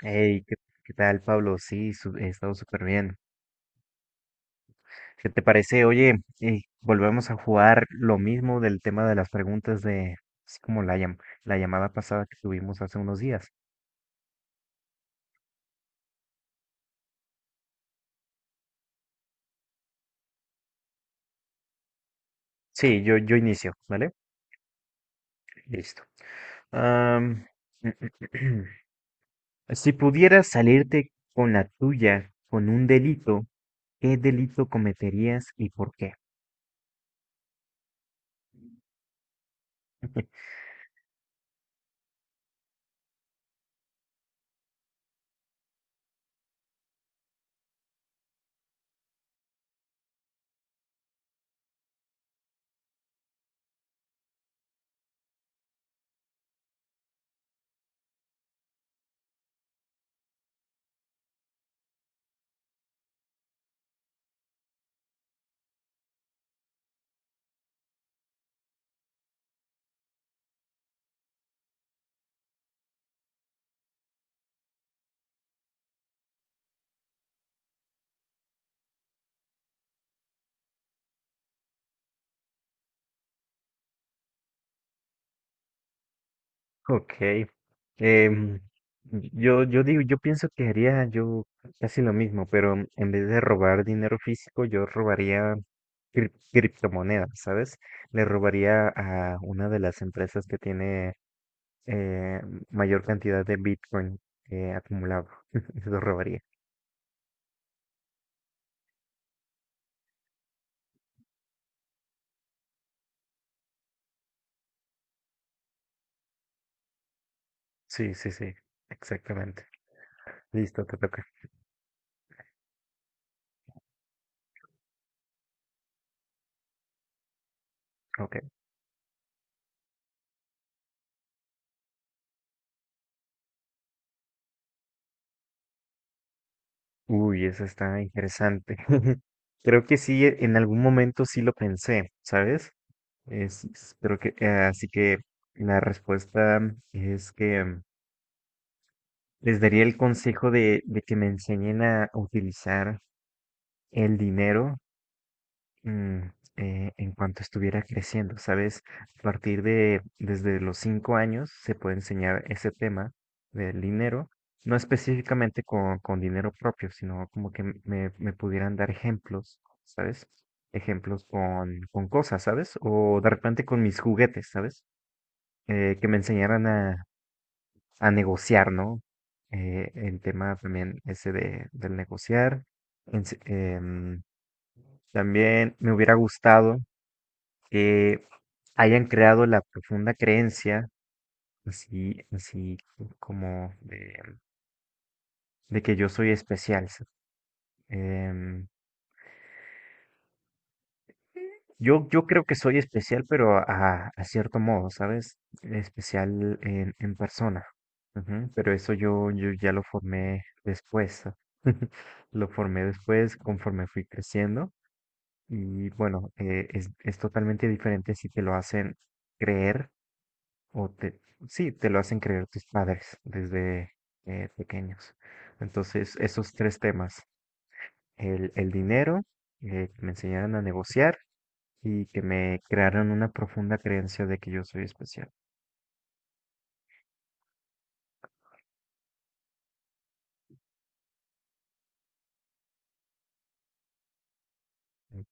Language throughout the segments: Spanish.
Hey, ¿qué tal, Pablo? Sí, he estado súper bien. ¿Qué te parece? Oye, volvemos a jugar lo mismo del tema de las preguntas de, así como la llamada pasada que tuvimos hace unos días. Sí, yo inicio, ¿vale? Listo. Am, si pudieras salirte con la tuya con un delito, ¿qué delito cometerías y por qué? Ok. Em, yo digo, yo pienso que haría yo casi lo mismo, pero en vez de robar dinero físico, yo robaría criptomonedas, ¿sabes? Le robaría a una de las empresas que tiene eh, mayor cantidad de Bitcoin acumulado. Lo robaría. Sí, sí, sí, exactamente. Listo, te toca. Ok. Uy, eso está interesante. Creo que sí, en algún momento sí lo pensé, ¿sabes? Creo que, así que la respuesta es que les daría el consejo de que me enseñen a utilizar el dinero mm, en cuanto estuviera creciendo, ¿sabes? A partir desde los 5 años se puede enseñar ese tema del dinero, no específicamente con dinero propio, sino como que me pudieran dar ejemplos, ¿sabes? Ejemplos con cosas, ¿sabes? O de repente con mis juguetes, ¿sabes? Que me enseñaran a negociar, ¿no? El tema también ese del negociar. Ens- em, también me hubiera gustado que hayan creado la profunda creencia, así como de que yo soy especial. ¿Sí? Em, yo creo que soy especial, pero a cierto modo, ¿sabes? Especial en persona. Ujú. Pero eso yo ya lo formé después. Lo formé después conforme fui creciendo. Y bueno, es totalmente diferente si te lo hacen creer o te, sí, te lo hacen creer tus padres desde pequeños. Entonces, esos tres temas, el dinero, que me enseñaron a negociar y que me crearon una profunda creencia de que yo soy especial. Mm.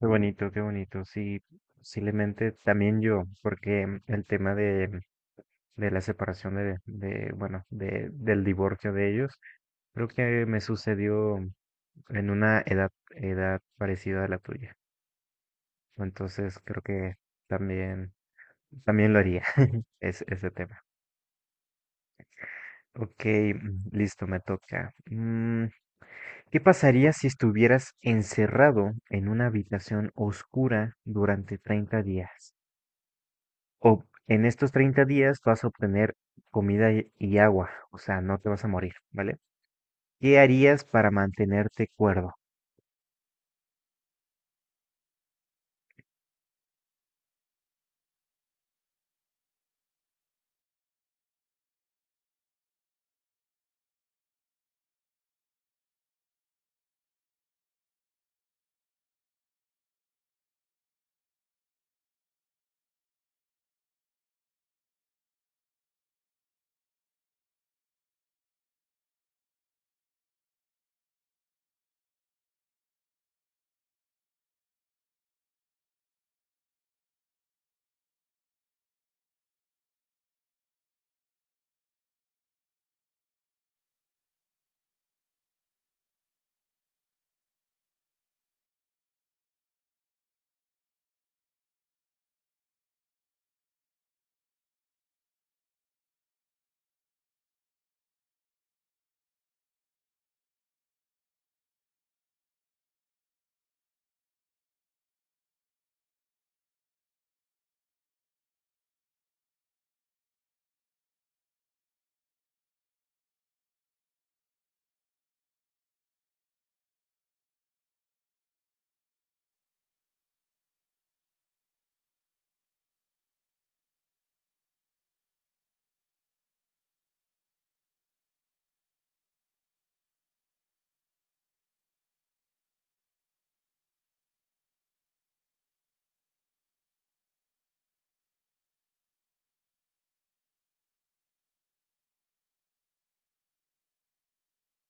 Qué bonito, qué bonito. Sí, posiblemente también yo, porque el tema de la separación de, bueno, del divorcio de ellos, creo que me sucedió en una edad parecida a la tuya. Entonces creo que también, también lo haría. Ese tema. Ok, listo, me toca. ¿Qué pasaría si estuvieras encerrado en una habitación oscura durante 30 días? O en estos 30 días vas a obtener comida y agua, o sea, no te vas a morir, ¿vale? ¿Qué harías para mantenerte cuerdo?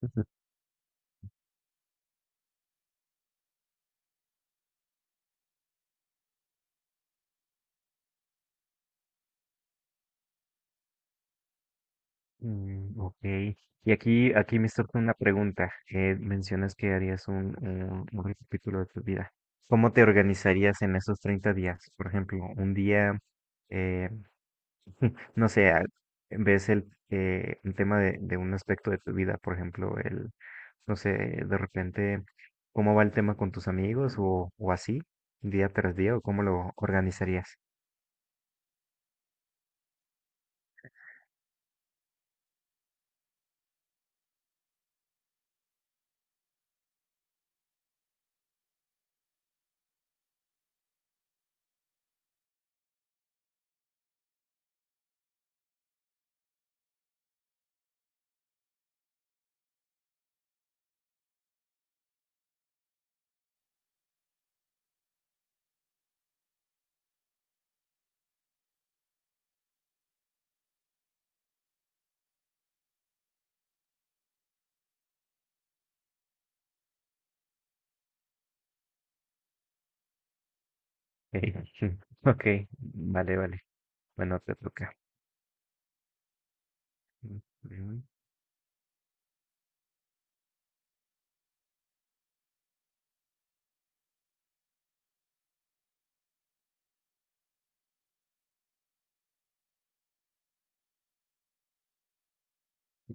Ujú. Mm, ok. Y aquí me surge una pregunta. Mencionas que harías un recapítulo de tu vida. ¿Cómo te organizarías en esos 30 días? Por ejemplo, un día, eh, no sé, ves un tema de un aspecto de tu vida, por ejemplo, no sé, de repente, ¿cómo va el tema con tus amigos o así, día tras día, o cómo lo organizarías? Ey, ok, vale, vale. Bueno, te toca.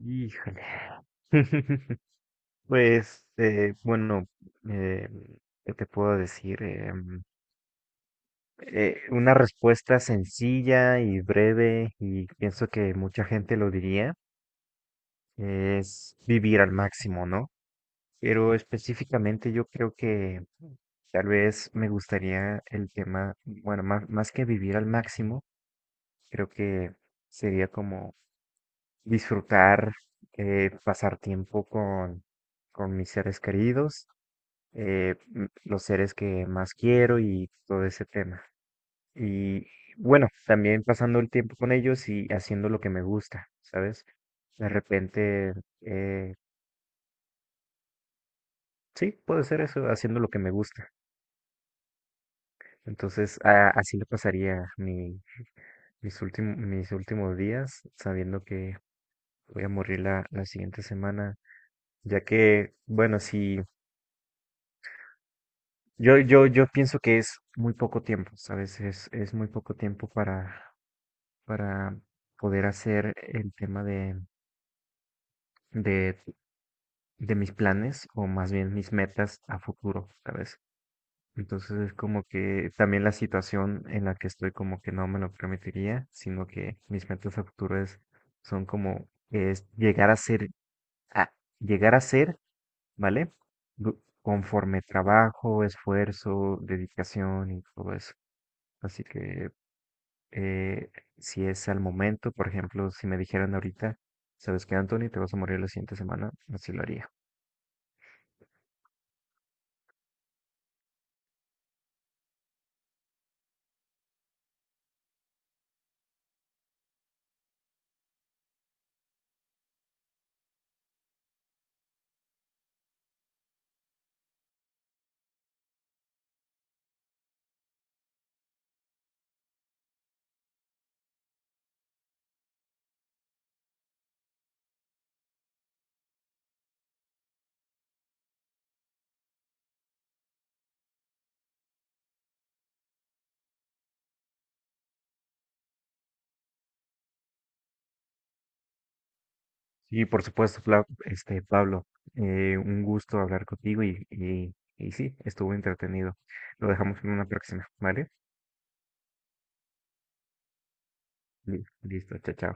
Híjole. Pues, bueno, eh, ¿qué te puedo decir? Una respuesta sencilla y breve, y pienso que mucha gente lo diría, es vivir al máximo, ¿no? Pero específicamente yo creo que tal vez me gustaría el tema, bueno, más que vivir al máximo, creo que sería como disfrutar, pasar tiempo con mis seres queridos los seres que más quiero y todo ese tema. Y bueno, también pasando el tiempo con ellos y haciendo lo que me gusta, ¿sabes? De repente, eh, sí, puede ser eso, haciendo lo que me gusta. Entonces, así le pasaría mis últimos días, sabiendo que voy a morir la siguiente semana, ya que, bueno, si yo pienso que es muy poco tiempo, ¿sabes? Es muy poco tiempo para poder hacer el tema de, de mis planes o más bien mis metas a futuro, ¿sabes? Entonces es como que también la situación en la que estoy como que no me lo permitiría, sino que mis metas a futuro son como es llegar a ser, a, llegar a ser, ¿vale? Conforme trabajo, esfuerzo, dedicación y todo eso. Así que eh, si es al momento, por ejemplo, si me dijeran ahorita, ¿sabes qué, Anthony? Te vas a morir la siguiente semana, así lo haría. Y por supuesto, Pablo, un gusto hablar contigo y, y sí, estuvo entretenido. Lo dejamos en una próxima, ¿vale? Listo, chao, chao.